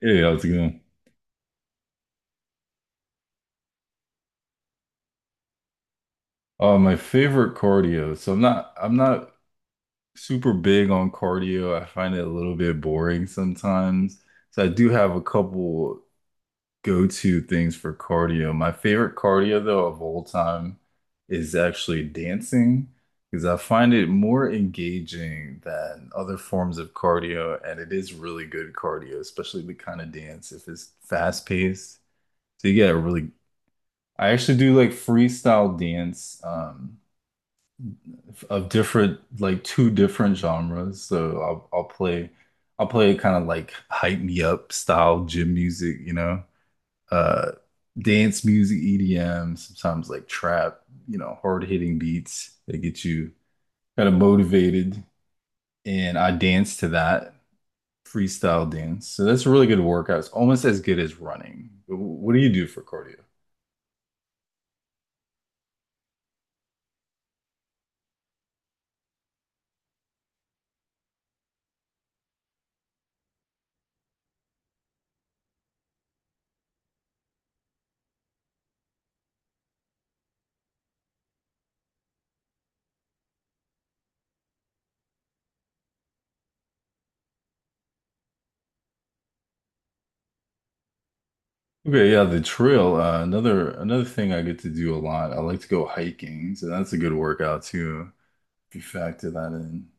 Hey, how's it going? My favorite cardio. So I'm not super big on cardio. I find it a little bit boring sometimes. So I do have a couple go-to things for cardio. My favorite cardio though of all time is actually dancing because I find it more engaging than other forms of cardio, and it is really good cardio, especially the kind of dance if it's fast-paced. So you get a really I actually do like freestyle dance. Of different like two different genres. So I'll play I'll play kind of like hype me up style gym music, uh dance music, EDM, sometimes like trap, hard hitting beats that get you kind of motivated. And I dance to that freestyle dance. So that's a really good workout. It's almost as good as running. What do you do for cardio? Okay, yeah, the trail. Another thing I get to do a lot. I like to go hiking, so that's a good workout too. You factor that in.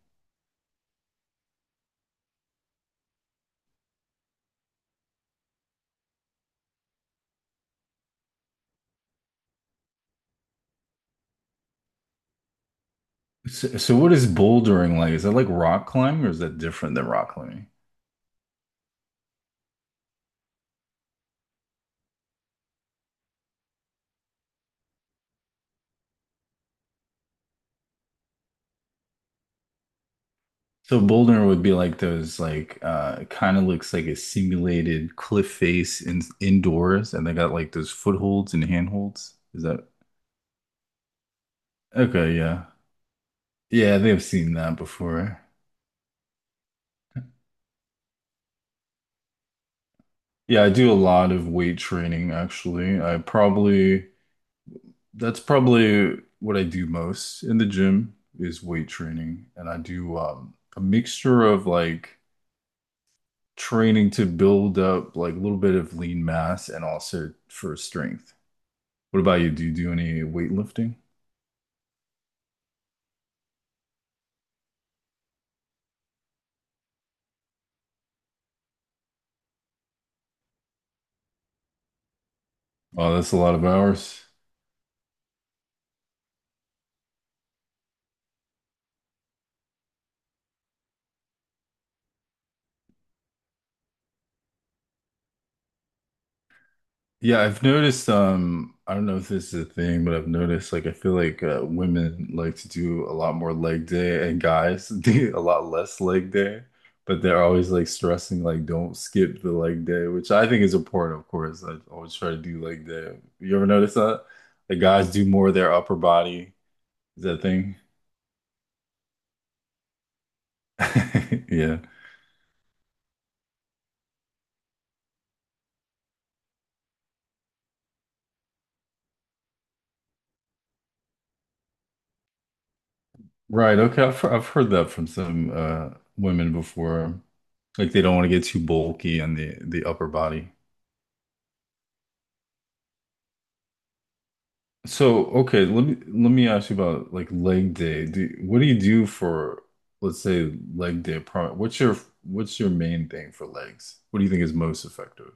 So, what is bouldering like? Is that like rock climbing or is that different than rock climbing? So bouldering would be like those like kind of looks like a simulated cliff face in indoors and they got like those footholds and handholds. Is that okay, yeah. Yeah, I think I've seen that before. Yeah, I do a lot of weight training actually. I probably that's probably what I do most in the gym is weight training and I do a mixture of like training to build up like a little bit of lean mass and also for strength. What about you? Do you do any weightlifting? Oh, that's a lot of hours. Yeah, I've noticed, I don't know if this is a thing, but I've noticed like I feel like women like to do a lot more leg day and guys do a lot less leg day, but they're always like stressing like don't skip the leg day, which I think is important, of course. I always try to do leg day. You ever notice that? The guys do more of their upper body. Is that a thing? Yeah. Right. Okay. I've heard that from some women before. Like they don't want to get too bulky on the upper body. So, okay, let me ask you about like leg day. What do you do for, let's say, leg day? What's your main thing for legs? What do you think is most effective?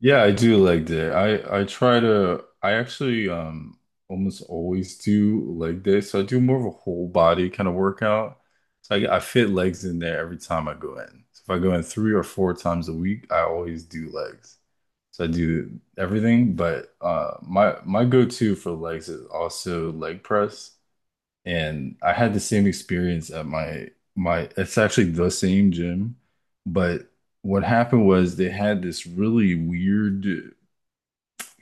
Yeah, I do leg day. I try to I actually almost always do leg day. So I do more of a whole body kind of workout. So I fit legs in there every time I go in. So if I go in three or four times a week, I always do legs. So I do everything, but my go-to for legs is also leg press. And I had the same experience at my my it's actually the same gym, but what happened was they had this really weird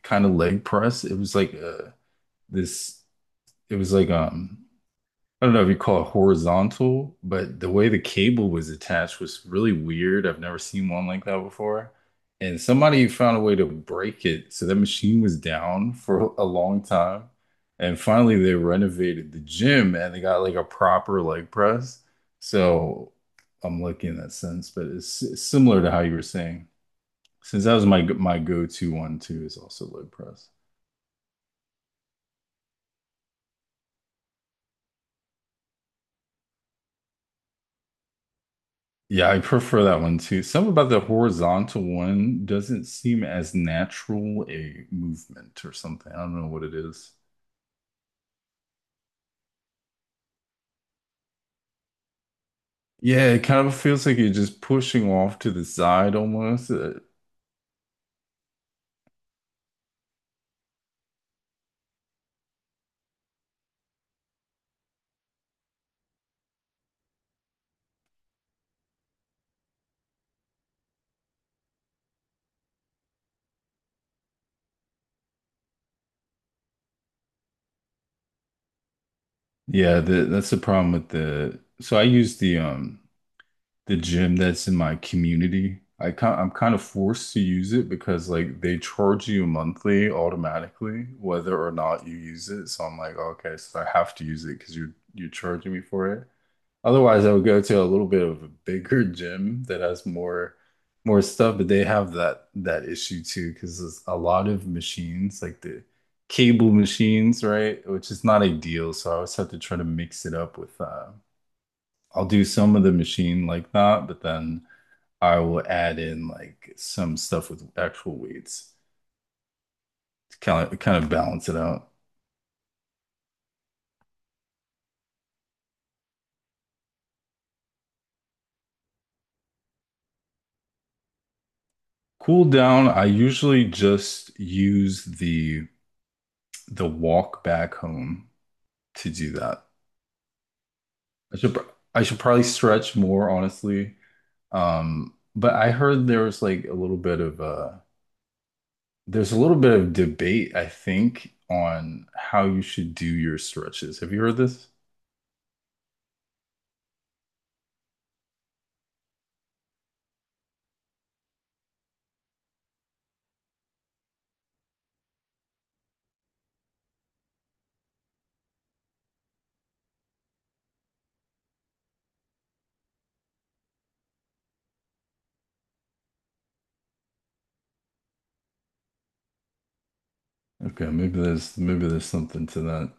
kind of leg press. It was like this. It was like I don't know if you call it horizontal, but the way the cable was attached was really weird. I've never seen one like that before. And somebody found a way to break it, so that machine was down for a long time. And finally, they renovated the gym and they got like a proper leg press. So I'm lucky in that sense, but it's similar to how you were saying. Since that was my go-to one too, is also leg press. Yeah, I prefer that one too. Something about the horizontal one doesn't seem as natural a movement or something. I don't know what it is. Yeah, it kind of feels like you're just pushing off to the side almost. Yeah, that's the problem with the. So I use the gym that's in my community. I'm kind of forced to use it because like they charge you monthly automatically whether or not you use it. So I'm like, "Oh, okay, so I have to use it because you're charging me for it. Otherwise, I would go to a little bit of a bigger gym that has more more stuff, but they have that issue too because there's a lot of machines, like the cable machines, right? Which is not ideal. So I always have to try to mix it up with I'll do some of the machine like that, but then I will add in like some stuff with actual weights to kind of balance it out. Cool down, I usually just use the walk back home to do that. I should pr- I should probably stretch more, honestly. But I heard there was like a little bit of there's a little bit of debate, I think, on how you should do your stretches. Have you heard this? Okay, maybe there's something to that.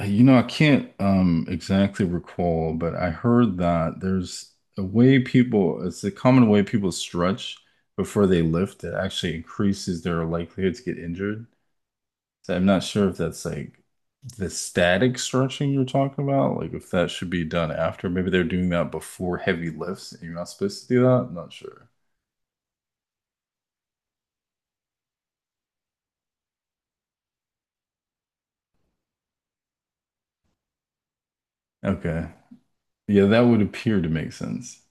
You know, I can't exactly recall, but I heard that there's a way it's a common way people stretch before they lift that actually increases their likelihood to get injured. So I'm not sure if that's like the static stretching you're talking about, like if that should be done after. Maybe they're doing that before heavy lifts and you're not supposed to do that. I'm not sure. Okay. Yeah, that would appear to make sense.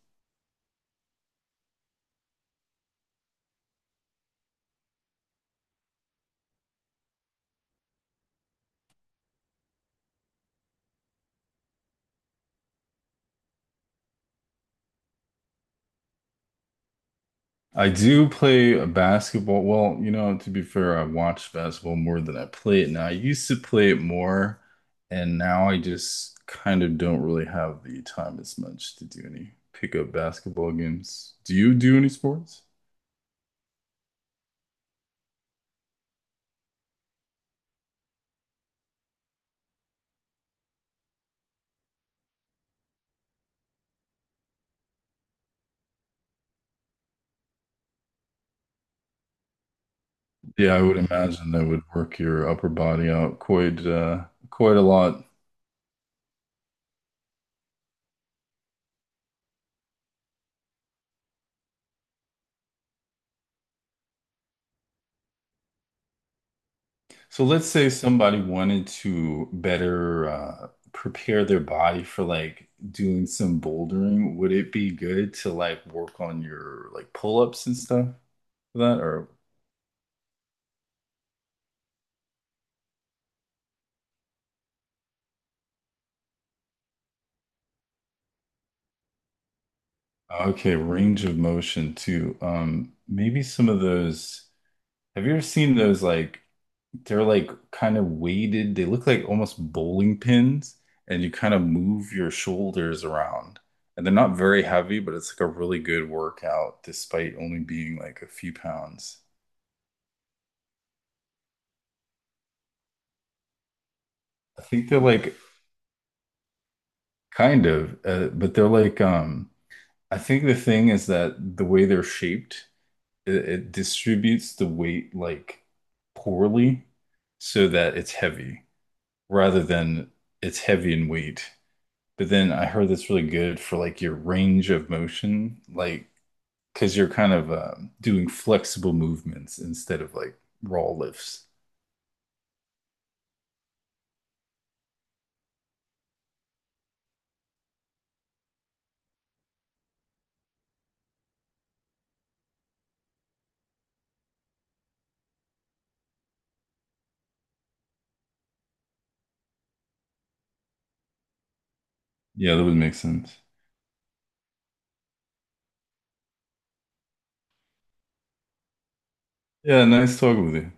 I do play a basketball. Well, you know, to be fair, I watch basketball more than I play it now. I used to play it more, and now I just kind of don't really have the time as much to do any pickup basketball games. Do you do any sports? Yeah, I would imagine that would work your upper body out quite quite a lot. So let's say somebody wanted to better prepare their body for like doing some bouldering. Would it be good to like work on your like pull-ups and stuff for that? Or okay, range of motion too. Maybe some of those. Have you ever seen those like? They're like kind of weighted. They look like almost bowling pins, and you kind of move your shoulders around. And they're not very heavy, but it's like a really good workout despite only being like a few pounds. I think they're like but they're like I think the thing is that the way they're shaped, it distributes the weight like poorly so that it's heavy rather than it's heavy in weight. But then I heard that's really good for like your range of motion, like because you're kind of doing flexible movements instead of like raw lifts. Yeah, that would make sense. Yeah, nice talking with you.